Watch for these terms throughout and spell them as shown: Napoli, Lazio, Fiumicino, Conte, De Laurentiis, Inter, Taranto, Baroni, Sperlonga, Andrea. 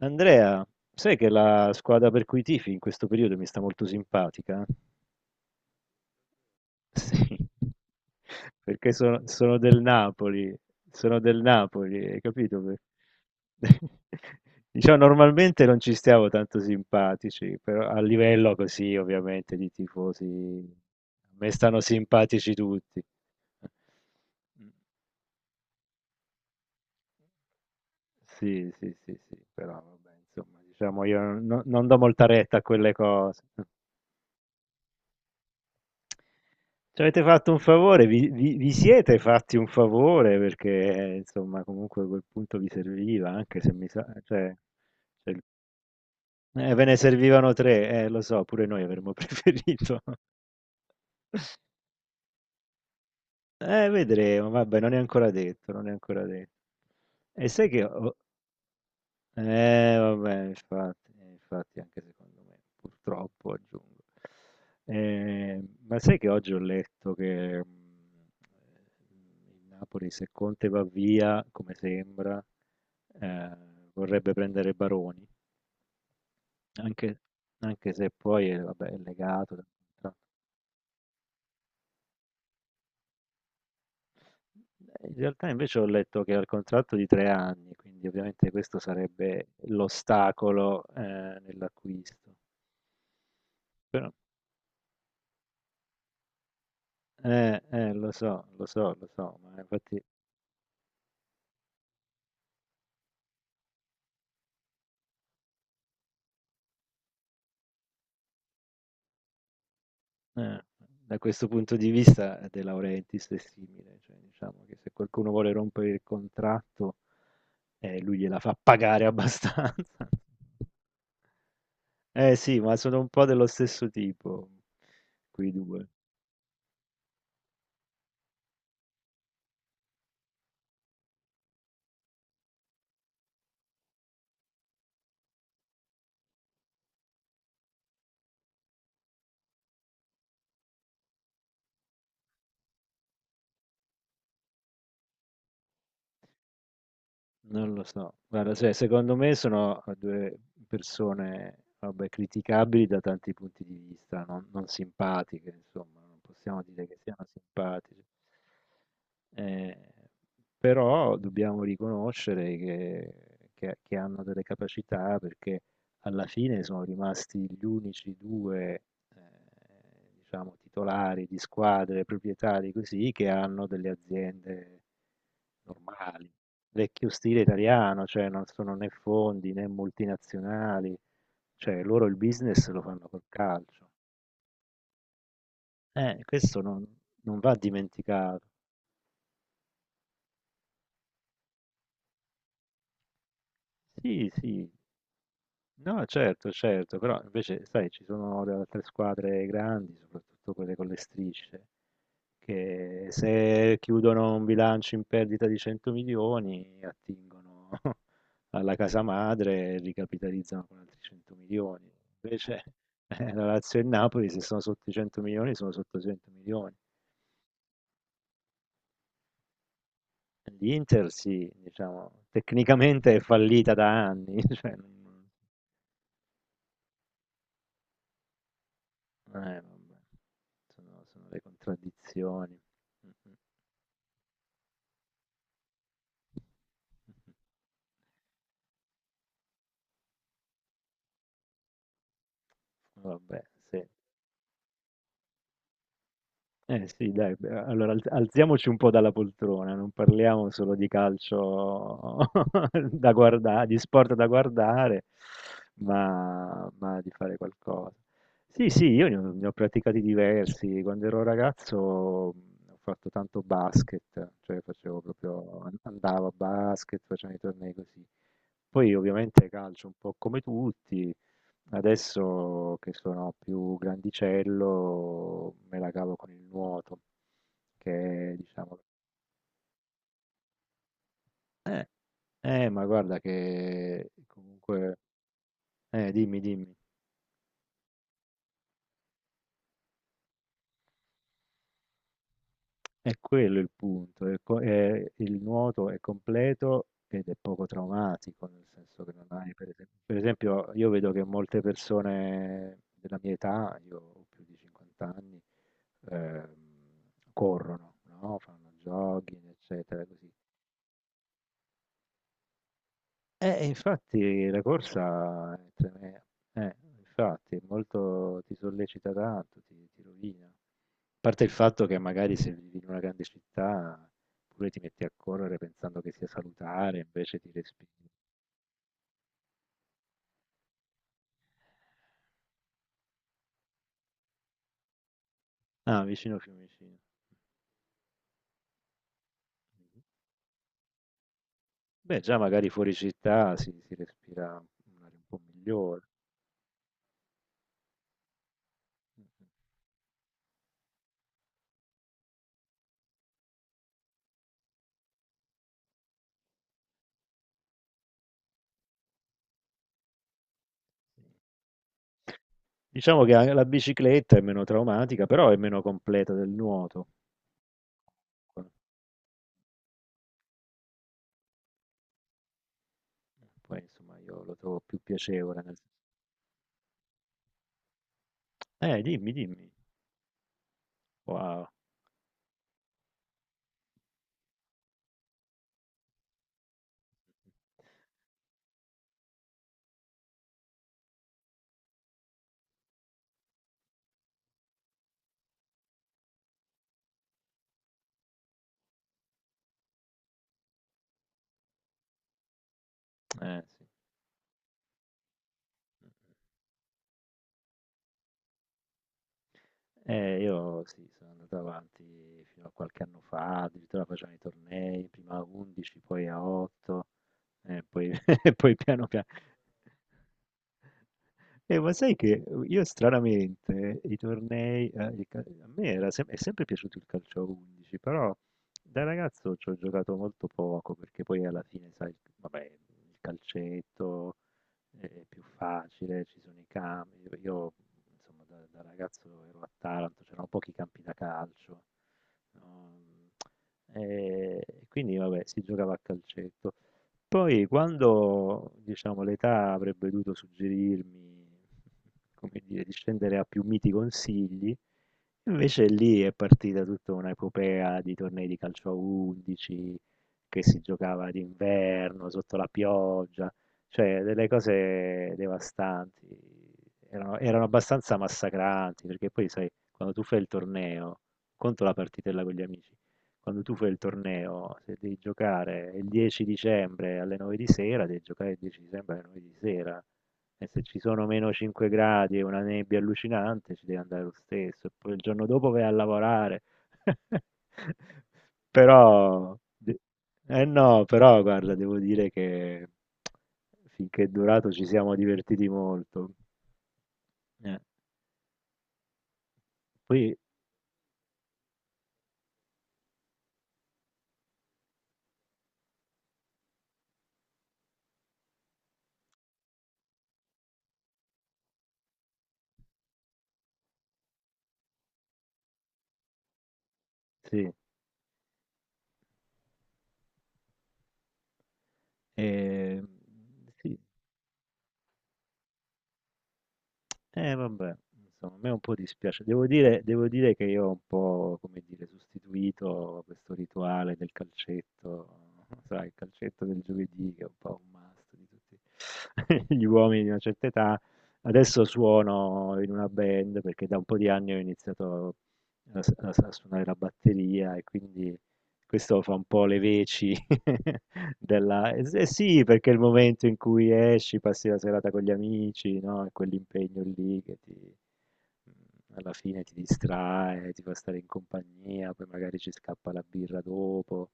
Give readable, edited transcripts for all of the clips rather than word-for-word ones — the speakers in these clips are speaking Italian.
Andrea, sai che la squadra per cui tifi in questo periodo mi sta molto simpatica? Sì, perché sono del Napoli, sono del Napoli, hai capito? Per- Diciamo, normalmente non ci stiamo tanto simpatici, però a livello così, ovviamente, di tifosi, a me stanno simpatici tutti. Sì, sì, sì, sì, però vabbè, insomma, diciamo, io no- non do molta retta a quelle cose. Ci avete fatto un favore, vi, vi- vi siete fatti un favore perché insomma comunque quel punto vi serviva, anche se mi sa, cioè, cioè, ve ne servivano tre, lo so, pure noi avremmo preferito. Vedremo, vabbè, non è ancora detto, non è ancora detto. E sai che ho, eh vabbè, infatti, infatti anche secondo me, purtroppo aggiungo. Ma sai che oggi ho letto che il Napoli, se Conte va via, come sembra, eh, vorrebbe prendere Baroni, anche, anche se poi è, vabbè, è legato dal contratto. In realtà invece ho letto che ha il contratto di tre anni, quindi ovviamente questo sarebbe l'ostacolo nell'acquisto. Però, eh, lo so, lo so, lo so, ma infatti eh, da questo punto di vista De Laurentiis è simile, cioè diciamo che se qualcuno vuole rompere il contratto, lui gliela fa pagare abbastanza. Eh sì, ma sono un po' dello stesso tipo, quei due. Non lo so, guarda, cioè, secondo me sono due persone, vabbè, criticabili da tanti punti di vista, non, non simpatiche, insomma, non possiamo dire che siano simpatici. Eh, però dobbiamo riconoscere che hanno delle capacità perché alla fine sono rimasti gli unici due, eh, diciamo, titolari di squadre, proprietari così, che hanno delle aziende normali vecchio stile italiano, cioè non sono né fondi né multinazionali, cioè loro il business lo fanno col calcio. Questo non, non va dimenticato. Sì, sì, no, certo, certo, però invece, sai, ci sono le altre squadre grandi, soprattutto quelle con le strisce, che se chiudono un bilancio in perdita di 100 milioni, attingono alla casa madre e ricapitalizzano con altri 100 milioni. Invece la Lazio e il Napoli, se sono sotto i 100 milioni, sono sotto i 100 milioni. L'Inter, sì, diciamo, tecnicamente è fallita da anni. Cioè, non- vabbè, sono le contraddizioni. Vabbè, sì. Eh sì, dai, beh, allora alz- alziamoci un po' dalla poltrona, non parliamo solo di calcio da guardare, di sport da guardare, ma di fare qualcosa. Sì, sì, io ne ho, ne ho praticati diversi. Quando ero ragazzo ho fatto tanto basket, cioè facevo proprio, an- andavo a basket, facevo i tornei così. Poi ovviamente calcio un po' come tutti. Adesso che sono più grandicello me la cavo con il nuoto, che è, diciamo... Eh, ma guarda che comunque... dimmi, dimmi. È quello il punto. È co- è- il nuoto è completo ed è poco traumatico, nel senso che non hai, per esempio... Per esempio, io vedo che molte persone della mia età, io ho più di 50 anni, ehm, corrono, no? Fanno jogging, eccetera, così. Infatti la corsa è treme infatti è molto ti sollecita tanto, ti ti rovina. A parte il fatto che magari se vivi in una grande città pure ti metti a correre pensando che sia salutare, invece ti respiri. Ah, vicino Fiumicino. Mhm. Beh, già magari fuori città si, si respira un'aria un po' migliore. Mhm. Sì. Diciamo che anche la bicicletta è meno traumatica, però è meno completa del nuoto. Poi insomma io lo trovo più piacevole nel... dimmi, dimmi. Wow. Sì. Io sì, sono andato avanti fino a qualche anno fa, addirittura facevano i tornei, prima a 11, poi a 8, e poi, e poi piano piano. Ma sai che io stranamente i tornei, il cal- a me era sem- è sempre piaciuto il calcio a 11, però da ragazzo ci ho giocato molto poco perché poi alla fine, sai, vabbè, il calcetto, è più facile, ci sono i campi. Io, insomma da ragazzo ero a Taranto, c'erano pochi campi da calcio, no, e quindi vabbè si giocava a calcetto. Poi quando, diciamo, l'età avrebbe dovuto suggerirmi, come dire, di scendere a più miti consigli, invece lì è partita tutta un'epopea di tornei di calcio a 11 che si giocava d'inverno sotto la pioggia. Cioè, delle cose devastanti, erano abbastanza massacranti, perché poi, sai, quando tu fai il torneo, conto la partitella con gli amici, quando tu fai il torneo, se devi giocare il 10 dicembre alle 9 di sera, devi giocare il 10 dicembre alle 9 di sera, e se ci sono meno 5 gradi e una nebbia allucinante, ci devi andare lo stesso, e poi il giorno dopo vai a lavorare. Però, eh no, però guarda, devo dire che finché è durato ci siamo divertiti molto. Eh, Poi sì, eh, sì, eh vabbè, insomma, a me un po' dispiace. Devo dire che io ho un po', come dire, sostituito questo rituale del calcetto, sai, il calcetto del giovedì che è un po' un must di tutti gli uomini di una certa età. Adesso suono in una band perché da un po' di anni ho iniziato a, a- a suonare la batteria e quindi questo fa un po' le veci della... s- eh sì, perché è il momento in cui esci, passi la serata con gli amici, no? È quell'impegno lì che ti... alla fine ti distrae, ti fa stare in compagnia, poi magari ci scappa la birra dopo,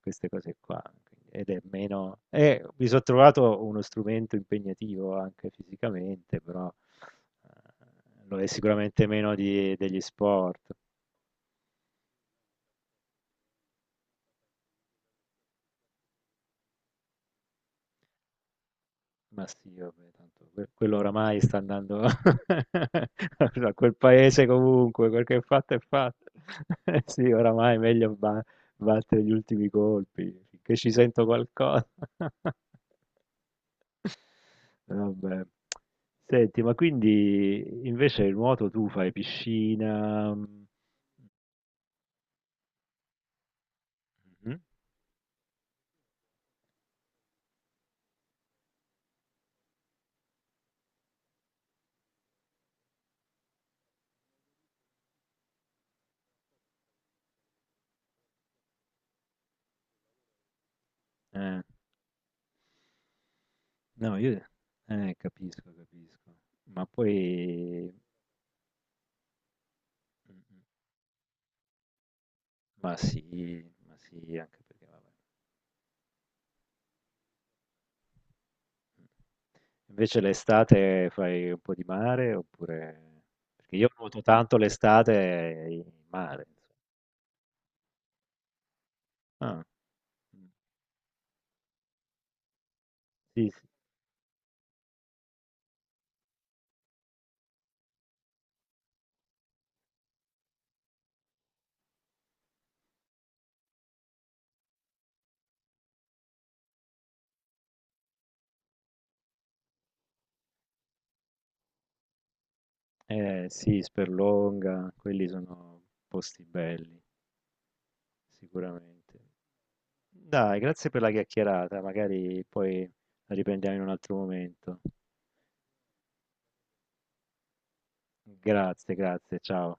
queste cose qua. Quindi- ed è meno... mi sono trovato uno strumento impegnativo anche fisicamente, però eh, lo è sicuramente meno di- degli sport. Ma sì, vabbè, tanto que- quello oramai sta andando a quel paese comunque, quel che è fatto è fatto. Sì, oramai è meglio ba- battere gli ultimi colpi, finché ci sento qualcosa. Vabbè. Senti, ma quindi invece il nuoto tu fai piscina? Mm, mhm, eh, no, io capisco, capisco. Ma poi... mm, mm. Ma sì, ma sì, anche perché vabbè. Mm. Invece l'estate fai un po' di mare oppure... Perché io nuoto tanto l'estate in mare, insomma. Ah, mm. Sì, sì. Sì, Sperlonga, quelli sono posti belli, sicuramente. Dai, grazie per la chiacchierata, magari poi la riprendiamo in un altro momento. Grazie, grazie, ciao.